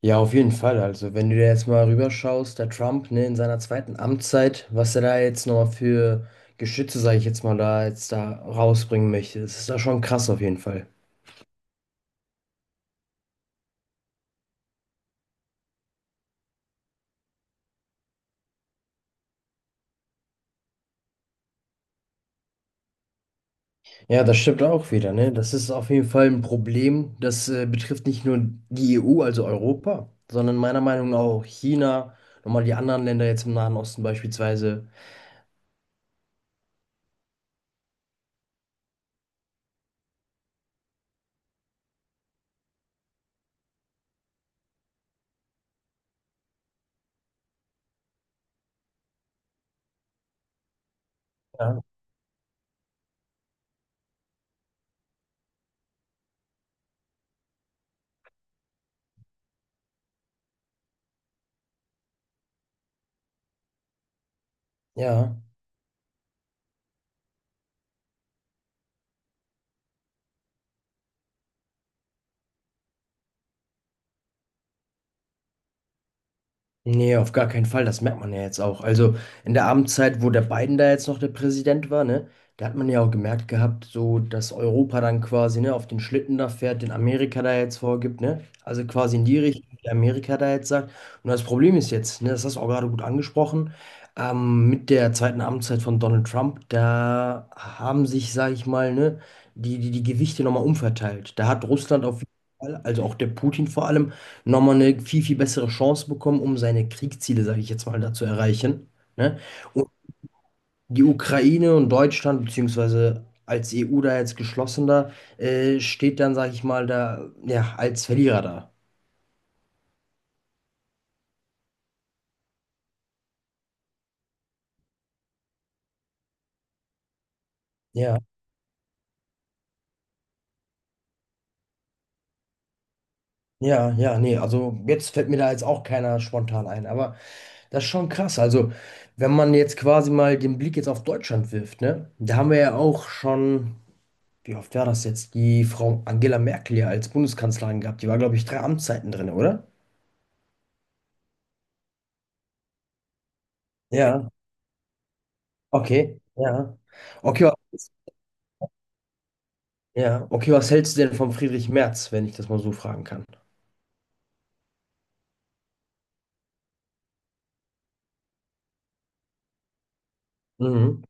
Ja, auf jeden Fall. Also, wenn du dir jetzt mal rüberschaust, der Trump, ne, in seiner zweiten Amtszeit, was er da jetzt nochmal für Geschütze, sage ich jetzt mal, da jetzt da rausbringen möchte, das ist da schon krass auf jeden Fall. Ja, das stimmt auch wieder, ne? Das ist auf jeden Fall ein Problem. Das betrifft nicht nur die EU, also Europa, sondern meiner Meinung nach auch China, nochmal die anderen Länder jetzt im Nahen Osten beispielsweise. Ja. Ja. Nee, auf gar keinen Fall. Das merkt man ja jetzt auch. Also in der Amtszeit, wo der Biden da jetzt noch der Präsident war, ne, da hat man ja auch gemerkt gehabt, so dass Europa dann quasi, ne, auf den Schlitten da fährt, den Amerika da jetzt vorgibt, ne? Also quasi in die Richtung, die Amerika da jetzt sagt. Und das Problem ist jetzt, ne, das hast du auch gerade gut angesprochen, mit der zweiten Amtszeit von Donald Trump, da haben sich, sage ich mal, ne, die Gewichte nochmal umverteilt. Da hat Russland auf jeden Fall, also auch der Putin vor allem, nochmal eine viel, viel bessere Chance bekommen, um seine Kriegsziele, sage ich jetzt mal, da zu erreichen. Ne? Und die Ukraine und Deutschland, beziehungsweise als EU da jetzt geschlossener, steht dann, sage ich mal, da ja, als Verlierer da. Ja, ja, ja, nee, also jetzt fällt mir da jetzt auch keiner spontan ein, aber das ist schon krass. Also, wenn man jetzt quasi mal den Blick jetzt auf Deutschland wirft, ne, da haben wir ja auch schon. Wie oft war das jetzt? Die Frau Angela Merkel ja als Bundeskanzlerin gehabt. Die war, glaube ich, drei Amtszeiten drin, oder? Ja. Okay, ja. Okay, was, ja. Okay, was hältst du denn von Friedrich Merz, wenn ich das mal so fragen kann? Mhm.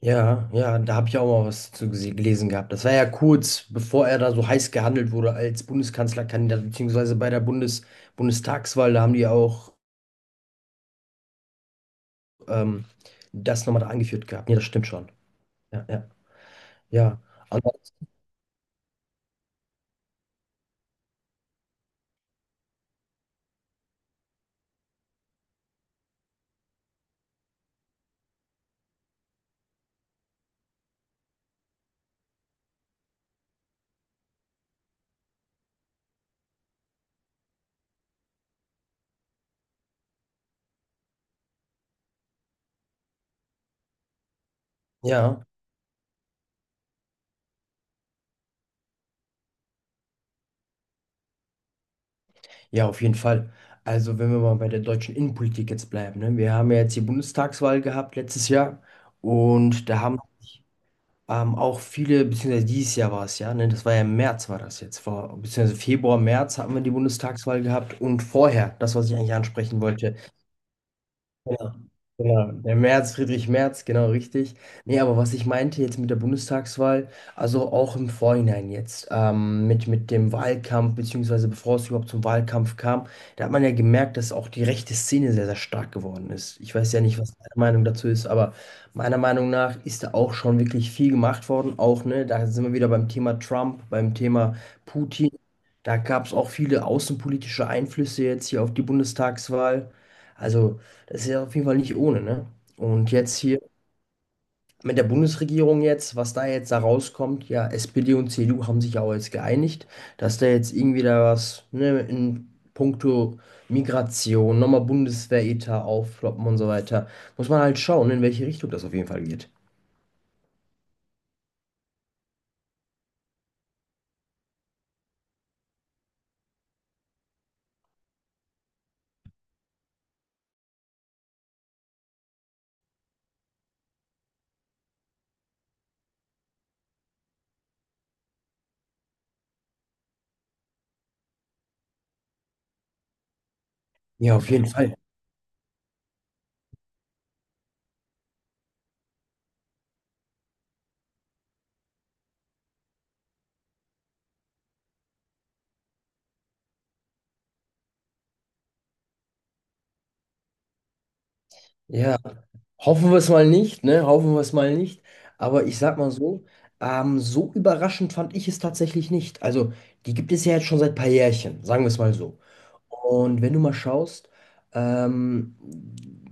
Ja, ja, da habe ich auch mal was zu gelesen gehabt. Das war ja kurz, bevor er da so heiß gehandelt wurde als Bundeskanzlerkandidat, beziehungsweise bei der Bundestagswahl, da haben die ja auch ähm, das nochmal da angeführt gehabt. Ja, das stimmt schon. Ja, ja, ja. An- Ja, ja, auf jeden Fall. Also, wenn wir mal bei der deutschen Innenpolitik jetzt bleiben, ne? Wir haben ja jetzt die Bundestagswahl gehabt letztes Jahr und da haben auch viele, beziehungsweise dieses Jahr war es ja, ne? Das war ja im März, war das jetzt, vor, beziehungsweise Februar, März hatten wir die Bundestagswahl gehabt und vorher, das, was ich eigentlich ansprechen wollte, ja, genau. Der Merz, Friedrich Merz, genau richtig. Nee, aber was ich meinte jetzt mit der Bundestagswahl, also auch im Vorhinein jetzt, mit dem Wahlkampf, beziehungsweise bevor es überhaupt zum Wahlkampf kam, da hat man ja gemerkt, dass auch die rechte Szene sehr, sehr stark geworden ist. Ich weiß ja nicht, was deine Meinung dazu ist, aber meiner Meinung nach ist da auch schon wirklich viel gemacht worden. Auch, ne, da sind wir wieder beim Thema Trump, beim Thema Putin. Da gab es auch viele außenpolitische Einflüsse jetzt hier auf die Bundestagswahl. Also. Das ist ja auf jeden Fall nicht ohne, ne? Und jetzt hier mit der Bundesregierung jetzt, was da jetzt da rauskommt, ja, SPD und CDU haben sich ja auch jetzt geeinigt, dass da jetzt irgendwie da was, ne, in puncto Migration, nochmal Bundeswehretat aufploppen und so weiter. Muss man halt schauen, in welche Richtung das auf jeden Fall geht. Ja, auf jeden Fall. Ja, hoffen wir es mal nicht, ne? Hoffen wir es mal nicht. Aber ich sag mal so, so überraschend fand ich es tatsächlich nicht. Also, die gibt es ja jetzt schon seit ein paar Jährchen, sagen wir es mal so. Und wenn du mal schaust, ähm,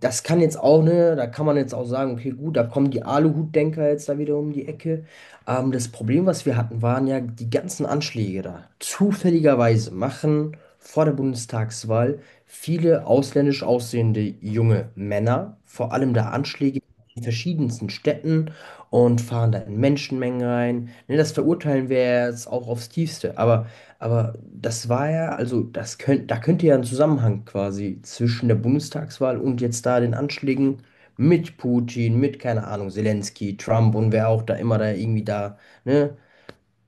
das kann jetzt auch, ne, da kann man jetzt auch sagen, okay, gut, da kommen die Aluhutdenker jetzt da wieder um die Ecke. Das Problem, was wir hatten, waren ja die ganzen Anschläge da. Zufälligerweise machen vor der Bundestagswahl viele ausländisch aussehende junge Männer, vor allem da Anschläge in verschiedensten Städten und fahren da in Menschenmengen rein. Ne, das verurteilen wir ja jetzt auch aufs Tiefste. Aber das war ja, also das könnt, da könnte ja ein Zusammenhang quasi zwischen der Bundestagswahl und jetzt da den Anschlägen mit Putin, mit, keine Ahnung, Zelensky, Trump und wer auch da immer da irgendwie da, ne,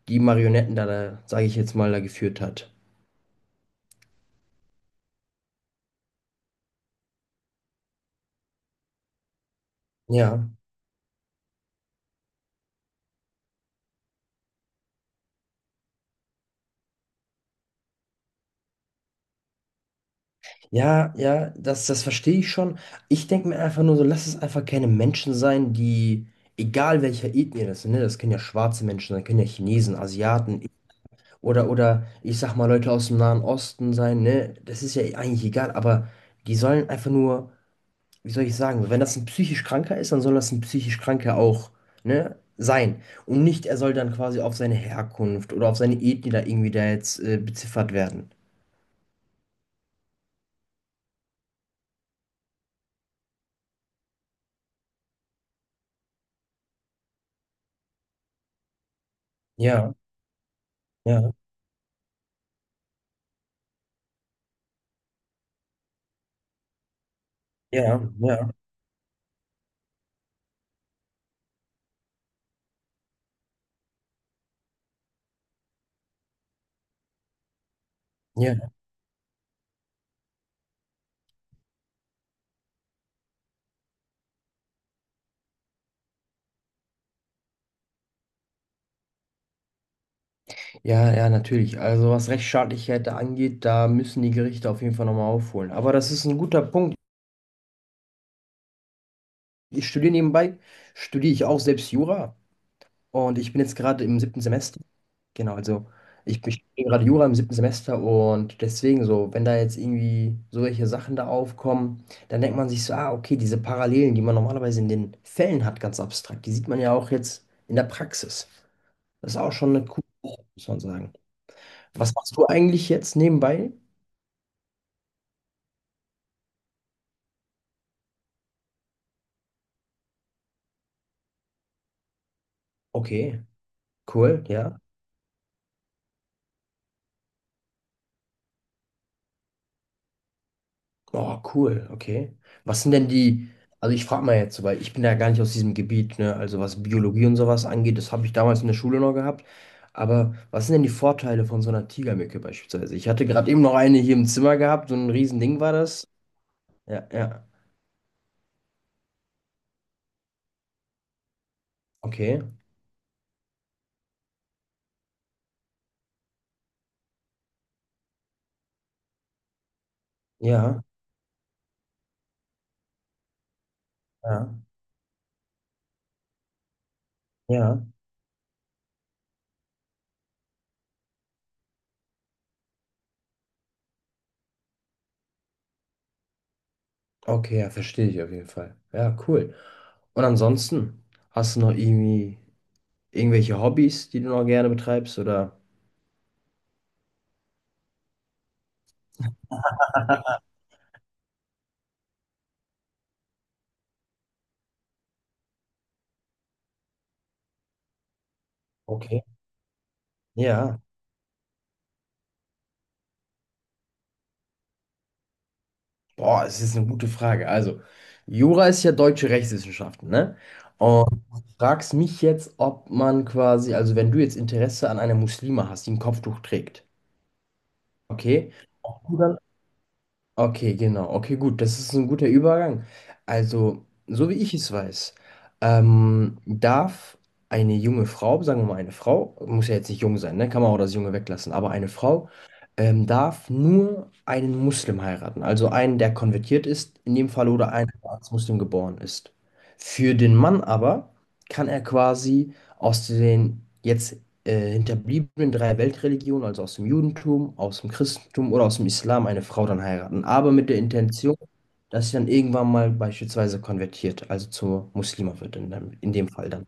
die Marionetten da, da sage ich jetzt mal, da geführt hat. Ja. Ja, ja, das verstehe ich schon. Ich denke mir einfach nur so, lass es einfach keine Menschen sein, die, egal welcher Ethnie das sind, ne, das können ja schwarze Menschen sein, können ja Chinesen, Asiaten oder ich sag mal Leute aus dem Nahen Osten sein, ne, das ist ja eigentlich egal, aber die sollen einfach nur, wie soll ich sagen, wenn das ein psychisch Kranker ist, dann soll das ein psychisch Kranker auch, ne, sein. Und nicht, er soll dann quasi auf seine Herkunft oder auf seine Ethnie da irgendwie da jetzt beziffert werden. Ja, ja, ja, ja, ja. Ja, ja, natürlich. Also was Rechtsstaatlichkeit da angeht, da müssen die Gerichte auf jeden Fall nochmal aufholen. Aber das ist ein guter Punkt. Ich studiere nebenbei, studiere ich auch selbst Jura und ich bin jetzt gerade im siebten Semester. Genau, also ich studiere gerade Jura im siebten Semester und deswegen so, wenn da jetzt irgendwie solche Sachen da aufkommen, dann denkt man sich so, ah, okay, diese Parallelen, die man normalerweise in den Fällen hat, ganz abstrakt, die sieht man ja auch jetzt in der Praxis. Das ist auch schon eine coole Sache, muss man sagen. Was machst du eigentlich jetzt nebenbei? Okay. Cool, ja. Oh, cool, okay. Was sind denn die, also ich frage mal jetzt, so, weil ich bin ja gar nicht aus diesem Gebiet, ne? Also was Biologie und sowas angeht, das habe ich damals in der Schule noch gehabt. Aber was sind denn die Vorteile von so einer Tigermücke beispielsweise? Ich hatte gerade eben noch eine hier im Zimmer gehabt, so ein Riesending war das. Ja, ja. Okay. Ja, ja, ja. Okay, ja, verstehe ich auf jeden Fall. Ja, cool. Und ansonsten, hast du noch irgendwie irgendwelche Hobbys, die du noch gerne betreibst oder? Okay. Ja. Boah, es ist eine gute Frage. Also, Jura ist ja deutsche Rechtswissenschaften, ne? Und du fragst mich jetzt, ob man quasi, also wenn du jetzt Interesse an einer Muslima hast, die ein Kopftuch trägt, okay? Okay, genau. Okay, gut. Das ist ein guter Übergang. Also, so wie ich es weiß, darf eine junge Frau, sagen wir mal eine Frau, muss ja jetzt nicht jung sein, ne? Kann man auch das Junge weglassen, aber eine Frau darf nur einen Muslim heiraten. Also einen, der konvertiert ist, in dem Fall oder einen, der als Muslim geboren ist. Für den Mann aber kann er quasi aus den jetzt Hinterbliebenen drei Weltreligionen, also aus dem Judentum, aus dem Christentum oder aus dem Islam, eine Frau dann heiraten, aber mit der Intention, dass sie dann irgendwann mal beispielsweise konvertiert, also zur Muslima wird in dem Fall dann.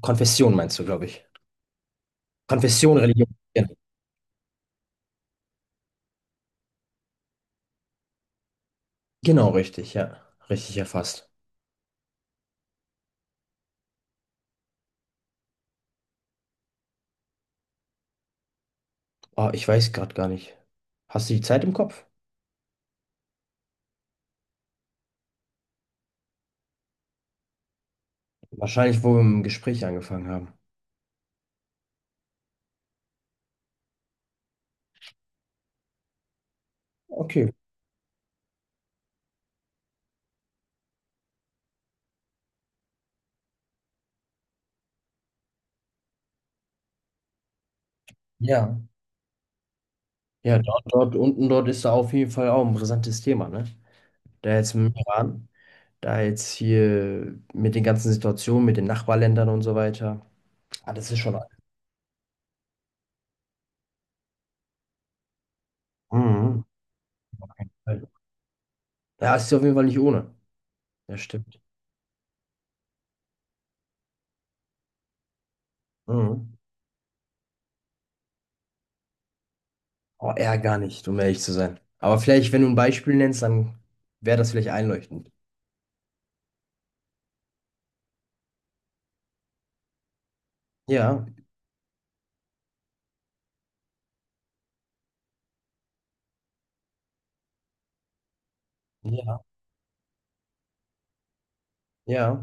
Konfession meinst du, glaube ich. Konfession, Religion. Genau, genau, richtig, ja. Richtig erfasst. Oh, ich weiß gerade gar nicht. Hast du die Zeit im Kopf? Wahrscheinlich, wo wir im Gespräch angefangen haben. Okay. Ja. Ja, dort unten, dort ist da auf jeden Fall auch ein brisantes Thema, ne? Da jetzt im Iran. Da jetzt hier mit den ganzen Situationen, mit den Nachbarländern und so weiter. Ah, das ist schon. Mhm. Ja, es ist auf jeden Fall nicht ohne. Ja, stimmt. Mhm. Oh, eher gar nicht, um ehrlich zu sein. Aber vielleicht, wenn du ein Beispiel nennst, dann wäre das vielleicht einleuchtend. Ja, ja, ja,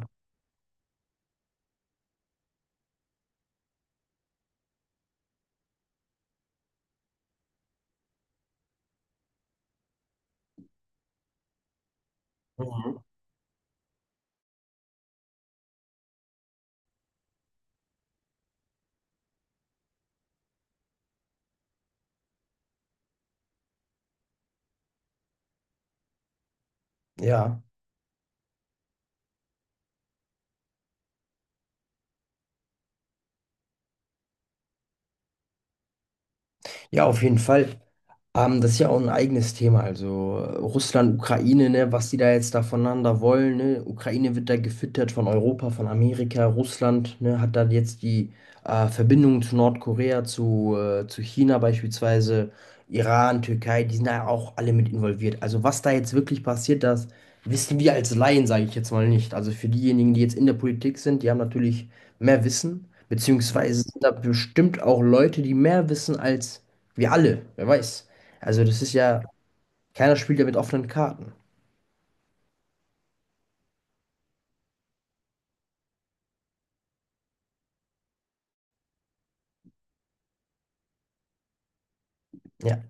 mhm. Ja. Ja, auf jeden Fall. Das ist ja auch ein eigenes Thema. Also Russland, Ukraine, ne, was die da jetzt da voneinander wollen. Ne? Ukraine wird da gefüttert von Europa, von Amerika. Russland, ne, hat dann jetzt die Verbindung zu Nordkorea, zu China beispielsweise, Iran, Türkei, die sind da auch alle mit involviert. Also was da jetzt wirklich passiert, das wissen wir als Laien, sage ich jetzt mal nicht. Also für diejenigen, die jetzt in der Politik sind, die haben natürlich mehr Wissen, beziehungsweise sind da bestimmt auch Leute, die mehr wissen als wir alle, wer weiß. Also das ist ja, keiner spielt ja mit offenen Karten. Ja,